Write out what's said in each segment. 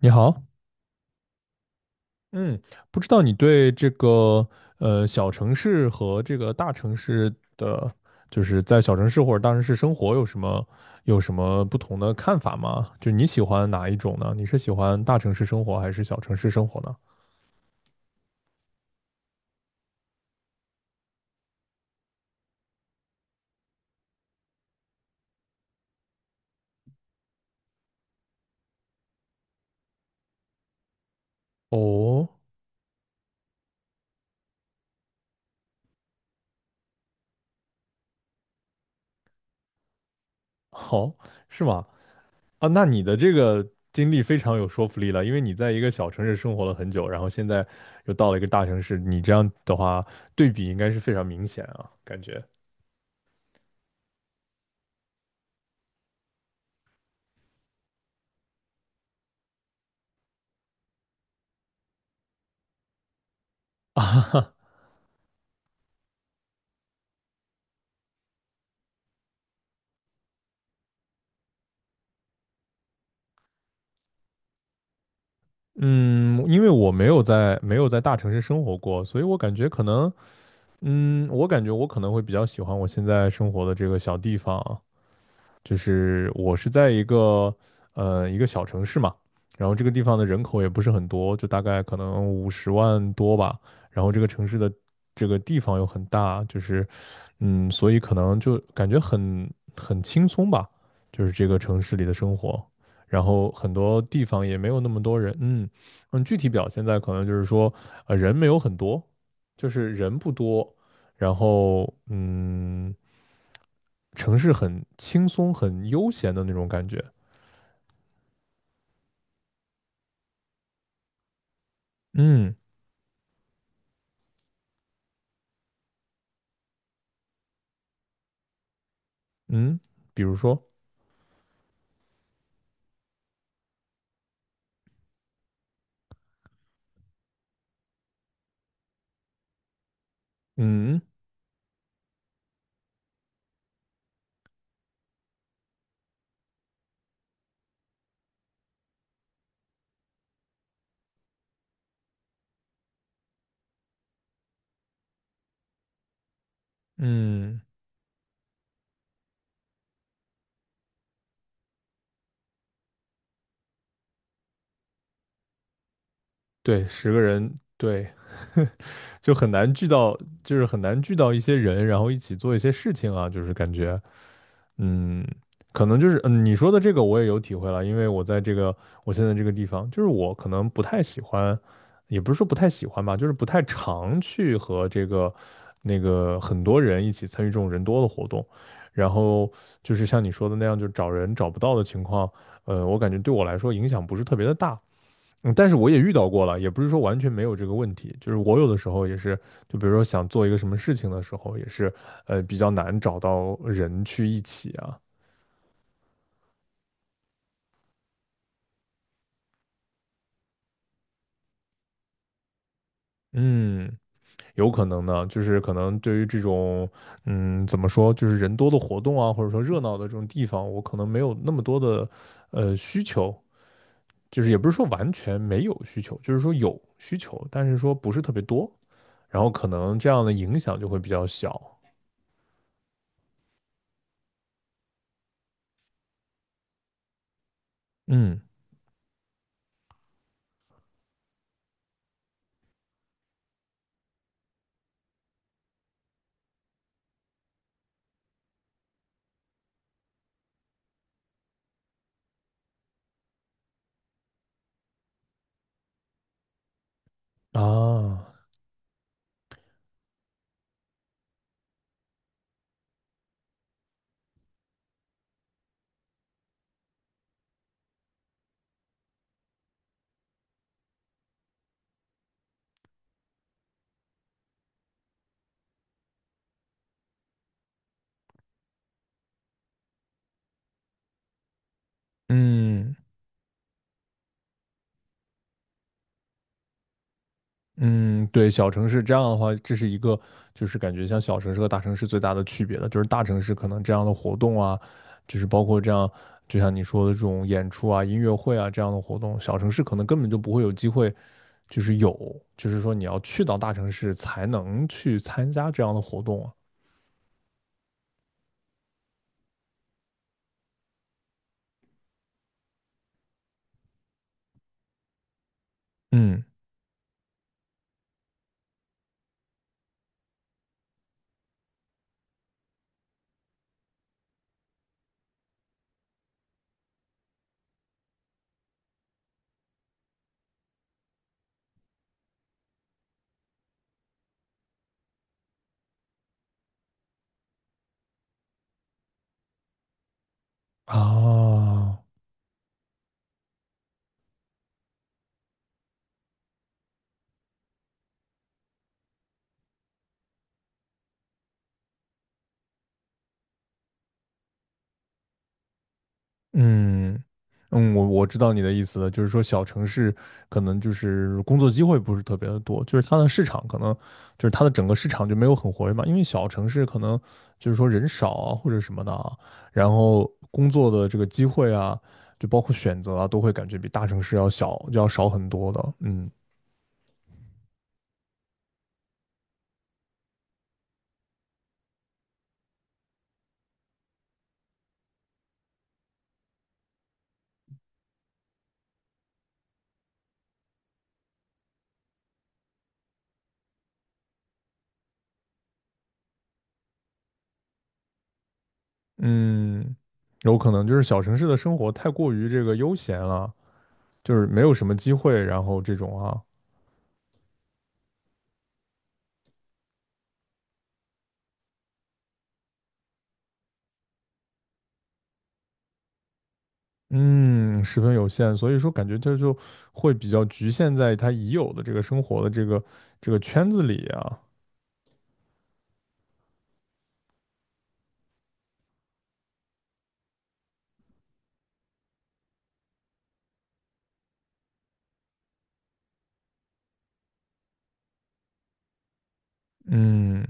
你好，嗯，不知道你对这个小城市和这个大城市的，就是在小城市或者大城市生活有什么不同的看法吗？就你喜欢哪一种呢？你是喜欢大城市生活还是小城市生活呢？哦，好，是吗？啊，那你的这个经历非常有说服力了，因为你在一个小城市生活了很久，然后现在又到了一个大城市，你这样的话对比应该是非常明显啊，感觉。嗯，因为我没有在大城市生活过，所以我感觉可能，我感觉我可能会比较喜欢我现在生活的这个小地方啊，就是我是在一个小城市嘛，然后这个地方的人口也不是很多，就大概可能50万多吧，然后这个城市的这个地方又很大，就是，所以可能就感觉很轻松吧，就是这个城市里的生活，然后很多地方也没有那么多人，嗯嗯，具体表现在可能就是说人没有很多。就是人不多，然后，城市很轻松、很悠闲的那种感觉。嗯嗯，比如说，嗯嗯，对，10个人，对，就很难聚到，就是很难聚到一些人，然后一起做一些事情啊，就是感觉，嗯，可能就是，你说的这个我也有体会了，因为我在这个我现在这个地方，就是我可能不太喜欢，也不是说不太喜欢吧，就是不太常去和这个那个很多人一起参与这种人多的活动，然后就是像你说的那样，就找人找不到的情况，我感觉对我来说影响不是特别的大。但是我也遇到过了，也不是说完全没有这个问题，就是我有的时候也是，就比如说想做一个什么事情的时候，也是，比较难找到人去一起啊。嗯，有可能呢，就是可能对于这种，怎么说，就是人多的活动啊，或者说热闹的这种地方，我可能没有那么多的，需求，就是也不是说完全没有需求，就是说有需求，但是说不是特别多，然后可能这样的影响就会比较小。嗯，啊，嗯。嗯，对，小城市这样的话，这是一个就是感觉像小城市和大城市最大的区别的，就是大城市可能这样的活动啊，就是包括这样，就像你说的这种演出啊、音乐会啊这样的活动，小城市可能根本就不会有机会，就是有，就是说你要去到大城市才能去参加这样的活动啊。嗯，啊。嗯嗯，我知道你的意思了，就是说小城市可能就是工作机会不是特别的多，就是它的市场可能就是它的整个市场就没有很活跃嘛，因为小城市可能就是说人少啊或者什么的啊，然后工作的这个机会啊，就包括选择啊，都会感觉比大城市要小要少很多的。嗯嗯，有可能就是小城市的生活太过于这个悠闲了，就是没有什么机会，然后这种啊。嗯，十分有限，所以说感觉这就会比较局限在他已有的这个生活的这个圈子里啊。嗯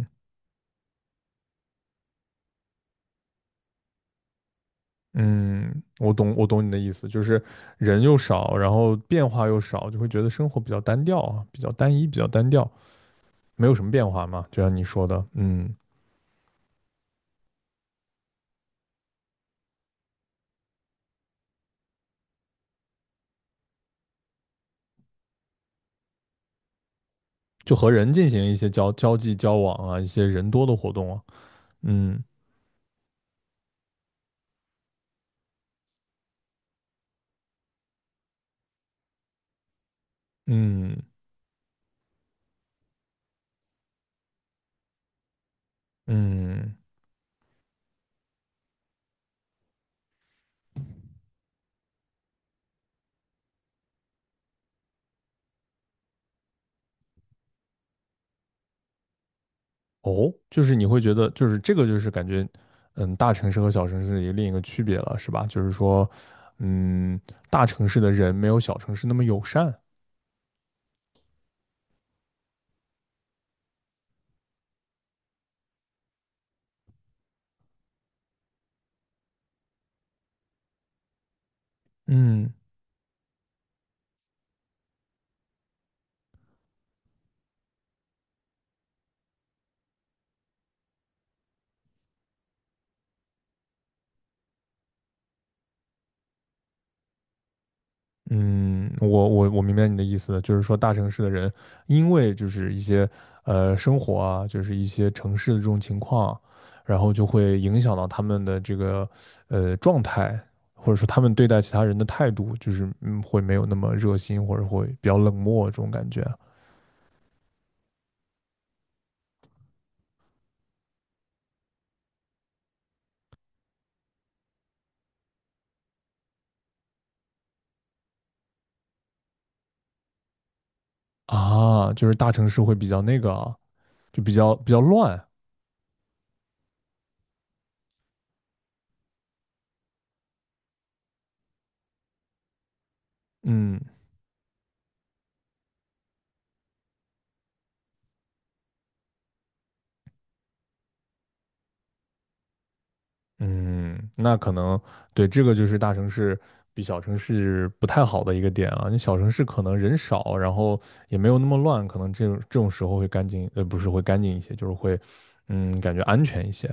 嗯，我懂，我懂你的意思，就是人又少，然后变化又少，就会觉得生活比较单调啊，比较单一，比较单调，没有什么变化嘛。就像你说的，就和人进行一些交际交往啊，一些人多的活动啊。嗯嗯嗯，哦，就是你会觉得，就是这个，就是感觉，大城市和小城市的一个另一个区别了，是吧？就是说，嗯，大城市的人没有小城市那么友善。嗯嗯，我明白你的意思了，就是说大城市的人，因为就是一些生活啊，就是一些城市的这种情况，然后就会影响到他们的这个状态，或者说他们对待其他人的态度，就是会没有那么热心，或者会比较冷漠这种感觉啊。啊，就是大城市会比较那个啊，就比较乱。嗯嗯，那可能对这个就是大城市比小城市不太好的一个点啊。你小城市可能人少，然后也没有那么乱，可能这种时候会干净，不是会干净一些，就是会感觉安全一些。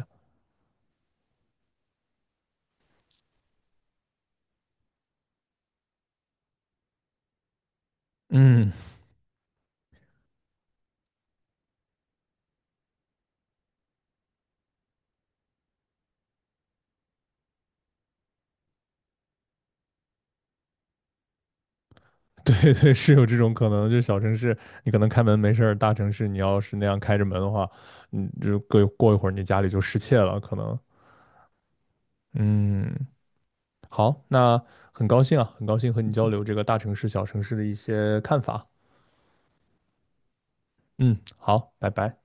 嗯，对对，是有这种可能。就是小城市你可能开门没事儿，大城市你要是那样开着门的话，你就过一会儿你家里就失窃了，可能。嗯好，那很高兴啊，很高兴和你交流这个大城市、小城市的一些看法。嗯，好，拜拜。